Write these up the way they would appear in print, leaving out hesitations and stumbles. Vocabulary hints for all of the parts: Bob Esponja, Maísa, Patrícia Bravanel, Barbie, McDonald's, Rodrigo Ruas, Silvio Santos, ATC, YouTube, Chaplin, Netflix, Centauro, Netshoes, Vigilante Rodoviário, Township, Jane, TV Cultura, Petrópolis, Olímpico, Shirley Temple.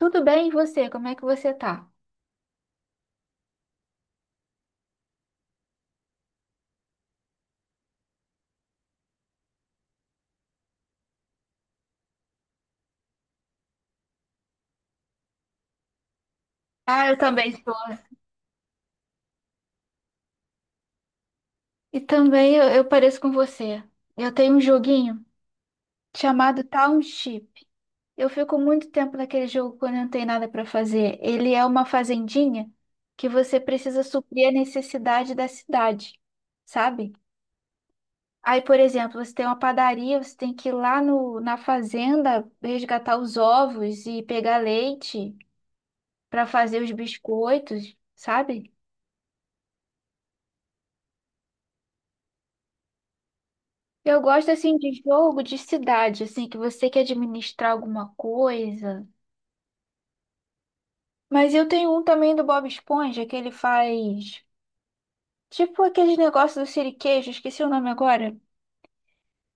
Tudo bem, e você? Como é que você tá? Ah, eu também estou. E também eu pareço com você. Eu tenho um joguinho chamado Township. Eu fico muito tempo naquele jogo quando eu não tenho nada para fazer. Ele é uma fazendinha que você precisa suprir a necessidade da cidade, sabe? Aí, por exemplo, você tem uma padaria, você tem que ir lá no, na fazenda resgatar os ovos e pegar leite para fazer os biscoitos, sabe? Eu gosto assim de jogo de cidade, assim, que você quer administrar alguma coisa. Mas eu tenho um também do Bob Esponja, que ele faz tipo aqueles negócios do siriquejo, esqueci o nome agora.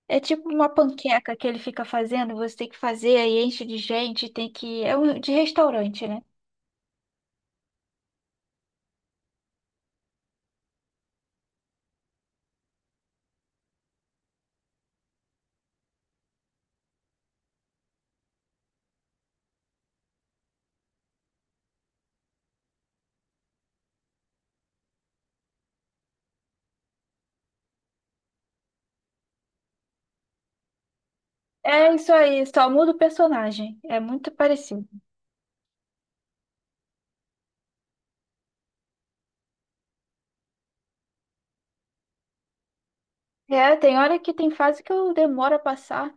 É tipo uma panqueca que ele fica fazendo, você tem que fazer, aí enche de gente, tem que. É um de restaurante, né? É isso aí, só muda o personagem. É muito parecido. É, tem hora que tem fase que eu demoro a passar.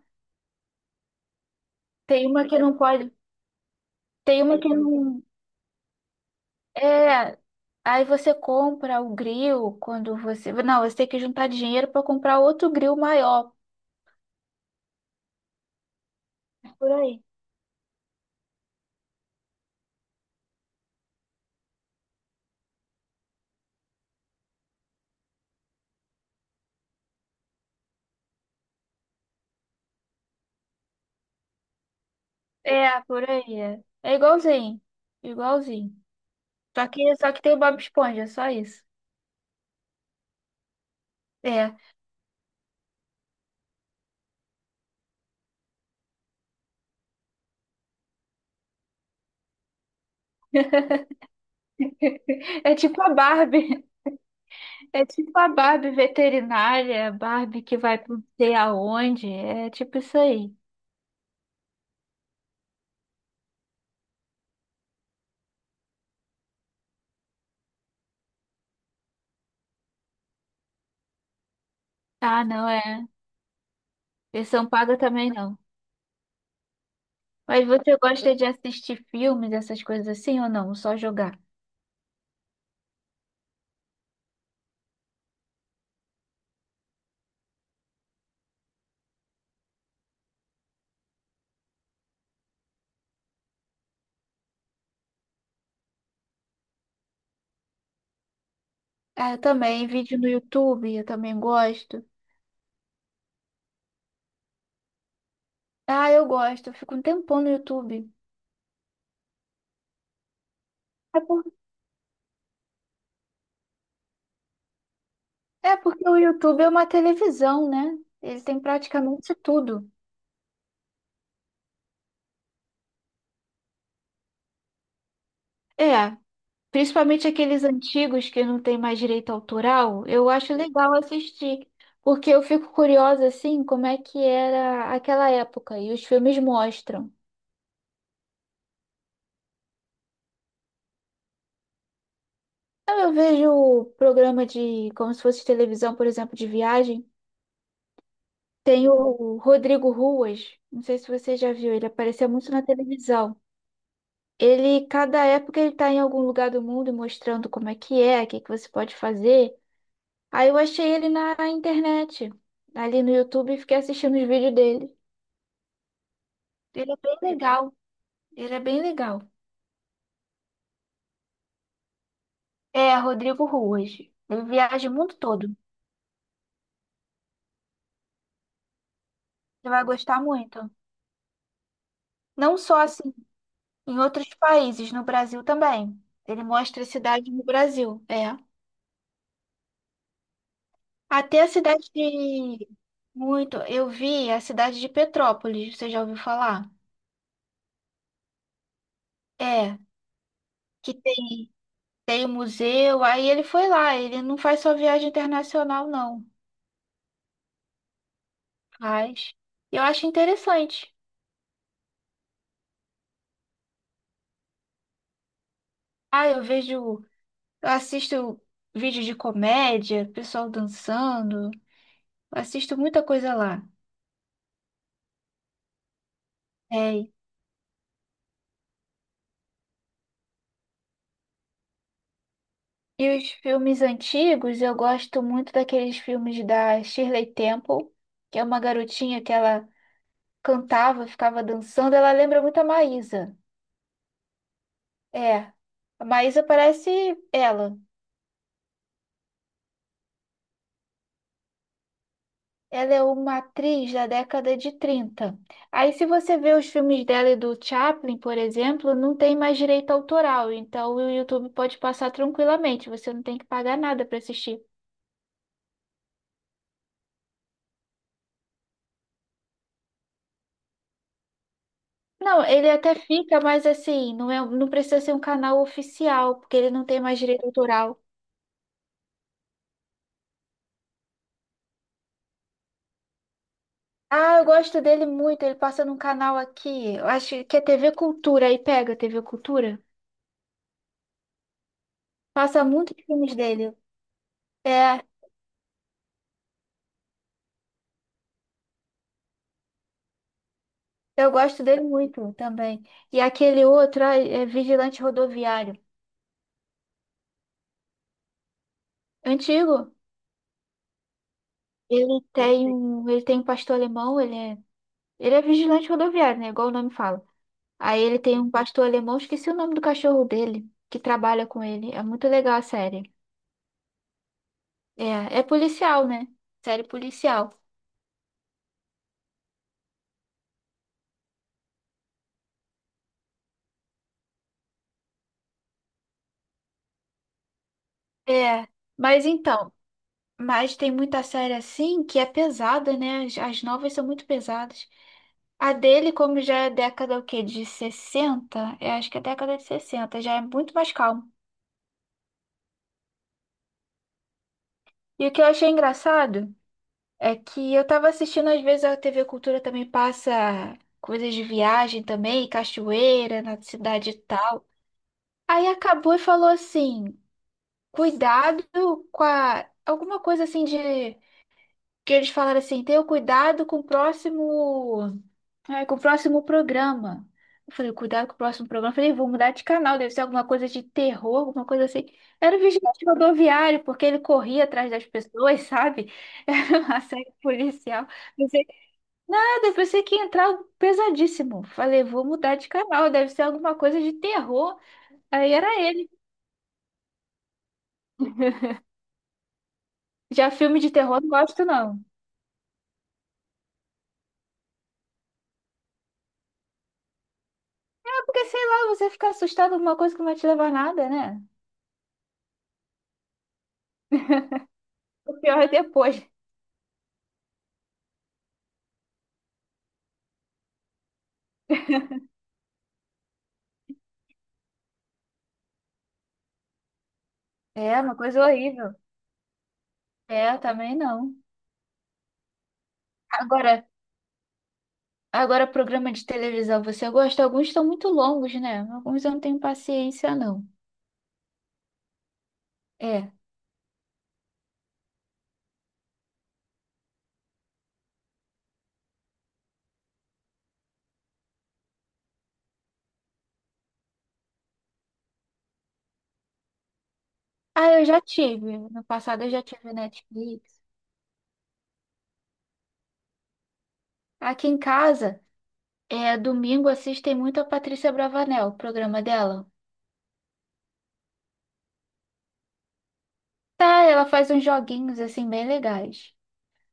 Tem uma que não pode. Tem uma que não. É, aí você compra o grill quando você. Não, você tem que juntar dinheiro para comprar outro grill maior. Por aí. É, por aí. É, é igualzinho. Igualzinho. Só que tem o Bob Esponja, é só isso. É. É tipo a Barbie. É tipo a Barbie veterinária, a Barbie que vai pra não sei aonde. É tipo isso aí. Ah, não, é. Versão paga também não. Mas você gosta de assistir filmes, essas coisas assim ou não? Só jogar? Ah, eu também, vídeo no YouTube, eu também gosto. Ah, eu gosto, eu fico um tempão no YouTube. É, por- É porque o YouTube é uma televisão, né? Ele tem praticamente tudo. É, principalmente aqueles antigos que não tem mais direito autoral, eu acho legal assistir, porque eu fico curiosa, assim, como é que era aquela época, e os filmes mostram. Então, eu vejo programa de, como se fosse televisão, por exemplo, de viagem. Tem o Rodrigo Ruas, não sei se você já viu, ele apareceu muito na televisão. Ele, cada época, ele está em algum lugar do mundo mostrando como é que é, o que que você pode fazer. Aí eu achei ele na internet, ali no YouTube, e fiquei assistindo os vídeos dele. Ele é bem legal, ele é bem legal. É, Rodrigo Ruas. Ele viaja o mundo todo. Você vai gostar muito. Não só assim, em outros países, no Brasil também. Ele mostra cidades no Brasil. É. Até a cidade de... Muito. Eu vi a cidade de Petrópolis, você já ouviu falar? É, que tem, tem o museu, aí ele foi lá, ele não faz só viagem internacional, não. Faz. Eu acho interessante. Ah, eu vejo, eu assisto vídeo de comédia, pessoal dançando. Eu assisto muita coisa lá. É. E os filmes antigos, eu gosto muito daqueles filmes da Shirley Temple, que é uma garotinha que ela cantava, ficava dançando, ela lembra muito a Maísa. É, a Maísa parece ela. Ela é uma atriz da década de 30. Aí, se você vê os filmes dela e do Chaplin, por exemplo, não tem mais direito autoral, então o YouTube pode passar tranquilamente, você não tem que pagar nada para assistir. Não, ele até fica, mas assim, não é, não precisa ser um canal oficial, porque ele não tem mais direito autoral. Ah, eu gosto dele muito. Ele passa num canal aqui. Eu acho que é TV Cultura. Aí pega TV Cultura. Passa muitos filmes dele. É, eu gosto dele muito também. E aquele outro, ai, é Vigilante Rodoviário. Antigo. Ele tem um pastor alemão, ele é vigilante rodoviário, né? Igual o nome fala. Aí ele tem um pastor alemão, esqueci o nome do cachorro dele, que trabalha com ele. É muito legal a série. É, é policial, né? Série policial. É, mas então, mas tem muita série assim que é pesada, né? As novas são muito pesadas. A dele, como já é década o quê? De sessenta. Eu acho que é década de 60, já é muito mais calmo. E o que eu achei engraçado é que eu tava assistindo, às vezes a TV Cultura também passa coisas de viagem também, cachoeira na cidade e tal. Aí acabou e falou assim: cuidado com a. Alguma coisa assim de. Que eles falaram assim: tenha cuidado com o próximo. Ai, com o próximo programa. Eu falei, cuidado com o próximo programa. Eu falei, vou mudar de canal, deve ser alguma coisa de terror, alguma coisa assim. Era o vigilante rodoviário, porque ele corria atrás das pessoas, sabe? Era uma série policial. Pensei, ah, eu pensei que ia entrar algo pesadíssimo. Falei, vou mudar de canal, deve ser alguma coisa de terror. Aí era ele. Já filme de terror não gosto, não. É porque, sei lá, você fica assustado com alguma coisa que não vai te levar a nada, né? O pior é depois. É, uma coisa horrível. É, eu também não. Agora, Agora, programa de televisão, você gosta? Alguns estão muito longos, né? Alguns eu não tenho paciência, não. É. Ah, eu já tive. No passado eu já tive Netflix. Aqui em casa, é, domingo assistem muito a Patrícia Bravanel, o programa dela. Tá, ela faz uns joguinhos, assim, bem legais.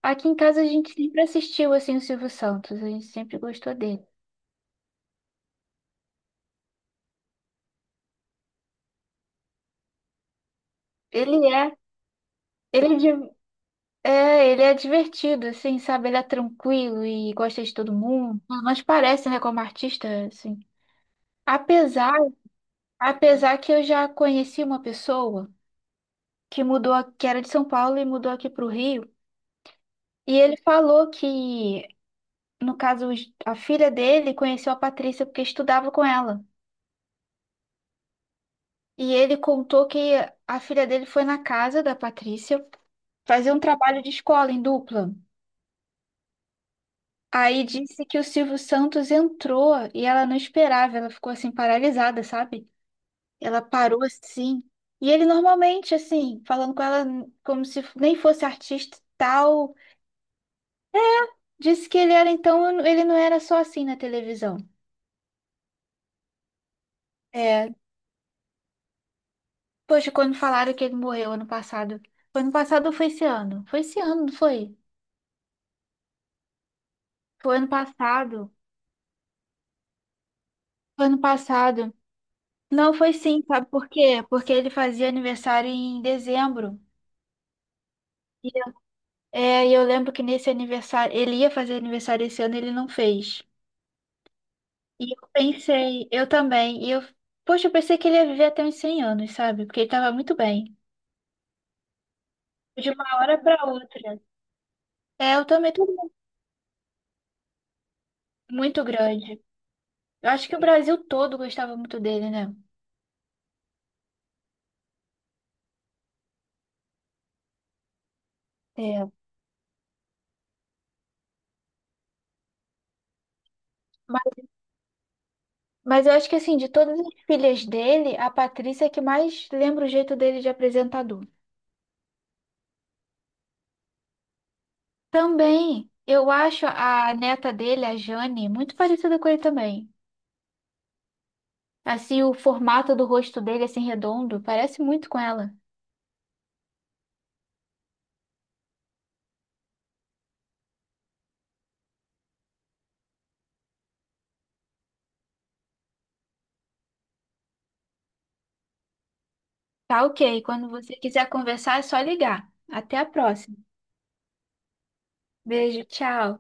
Aqui em casa a gente sempre assistiu, assim, o Silvio Santos. A gente sempre gostou dele. Ele é, ele é, di- É, ele é divertido, assim, sabe? Ele é tranquilo e gosta de todo mundo. Mas parece, né, como artista, assim. Apesar, Apesar que eu já conheci uma pessoa que mudou, que era de São Paulo e mudou aqui para o Rio, e ele falou que, no caso, a filha dele conheceu a Patrícia porque estudava com ela. E ele contou que a filha dele foi na casa da Patrícia fazer um trabalho de escola em dupla. Aí disse que o Silvio Santos entrou e ela não esperava, ela ficou assim paralisada, sabe? Ela parou assim. E ele normalmente, assim, falando com ela como se nem fosse artista e tal, disse que ele era, então, ele não era só assim na televisão. É, poxa, quando falaram que ele morreu ano passado. Foi ano passado ou foi esse ano? Foi esse ano, não foi? Foi ano passado. Foi ano passado. Não, foi sim, sabe por quê? Porque ele fazia aniversário em dezembro. E eu- É, e eu lembro que nesse aniversário, ele ia fazer aniversário esse ano, e ele não fez. E eu pensei, eu também, poxa, eu pensei que ele ia viver até uns 100 anos, sabe? Porque ele tava muito bem. De uma hora pra outra. É, eu também tô muito grande. Eu acho que o Brasil todo gostava muito dele, né? É. Mas, mas eu acho que, assim, de todas as filhas dele, a Patrícia é que mais lembra o jeito dele de apresentador. Também, eu acho a neta dele, a Jane, muito parecida com ele também. Assim, o formato do rosto dele, assim, redondo, parece muito com ela. Tá, ok. Quando você quiser conversar, é só ligar. Até a próxima. Beijo, tchau.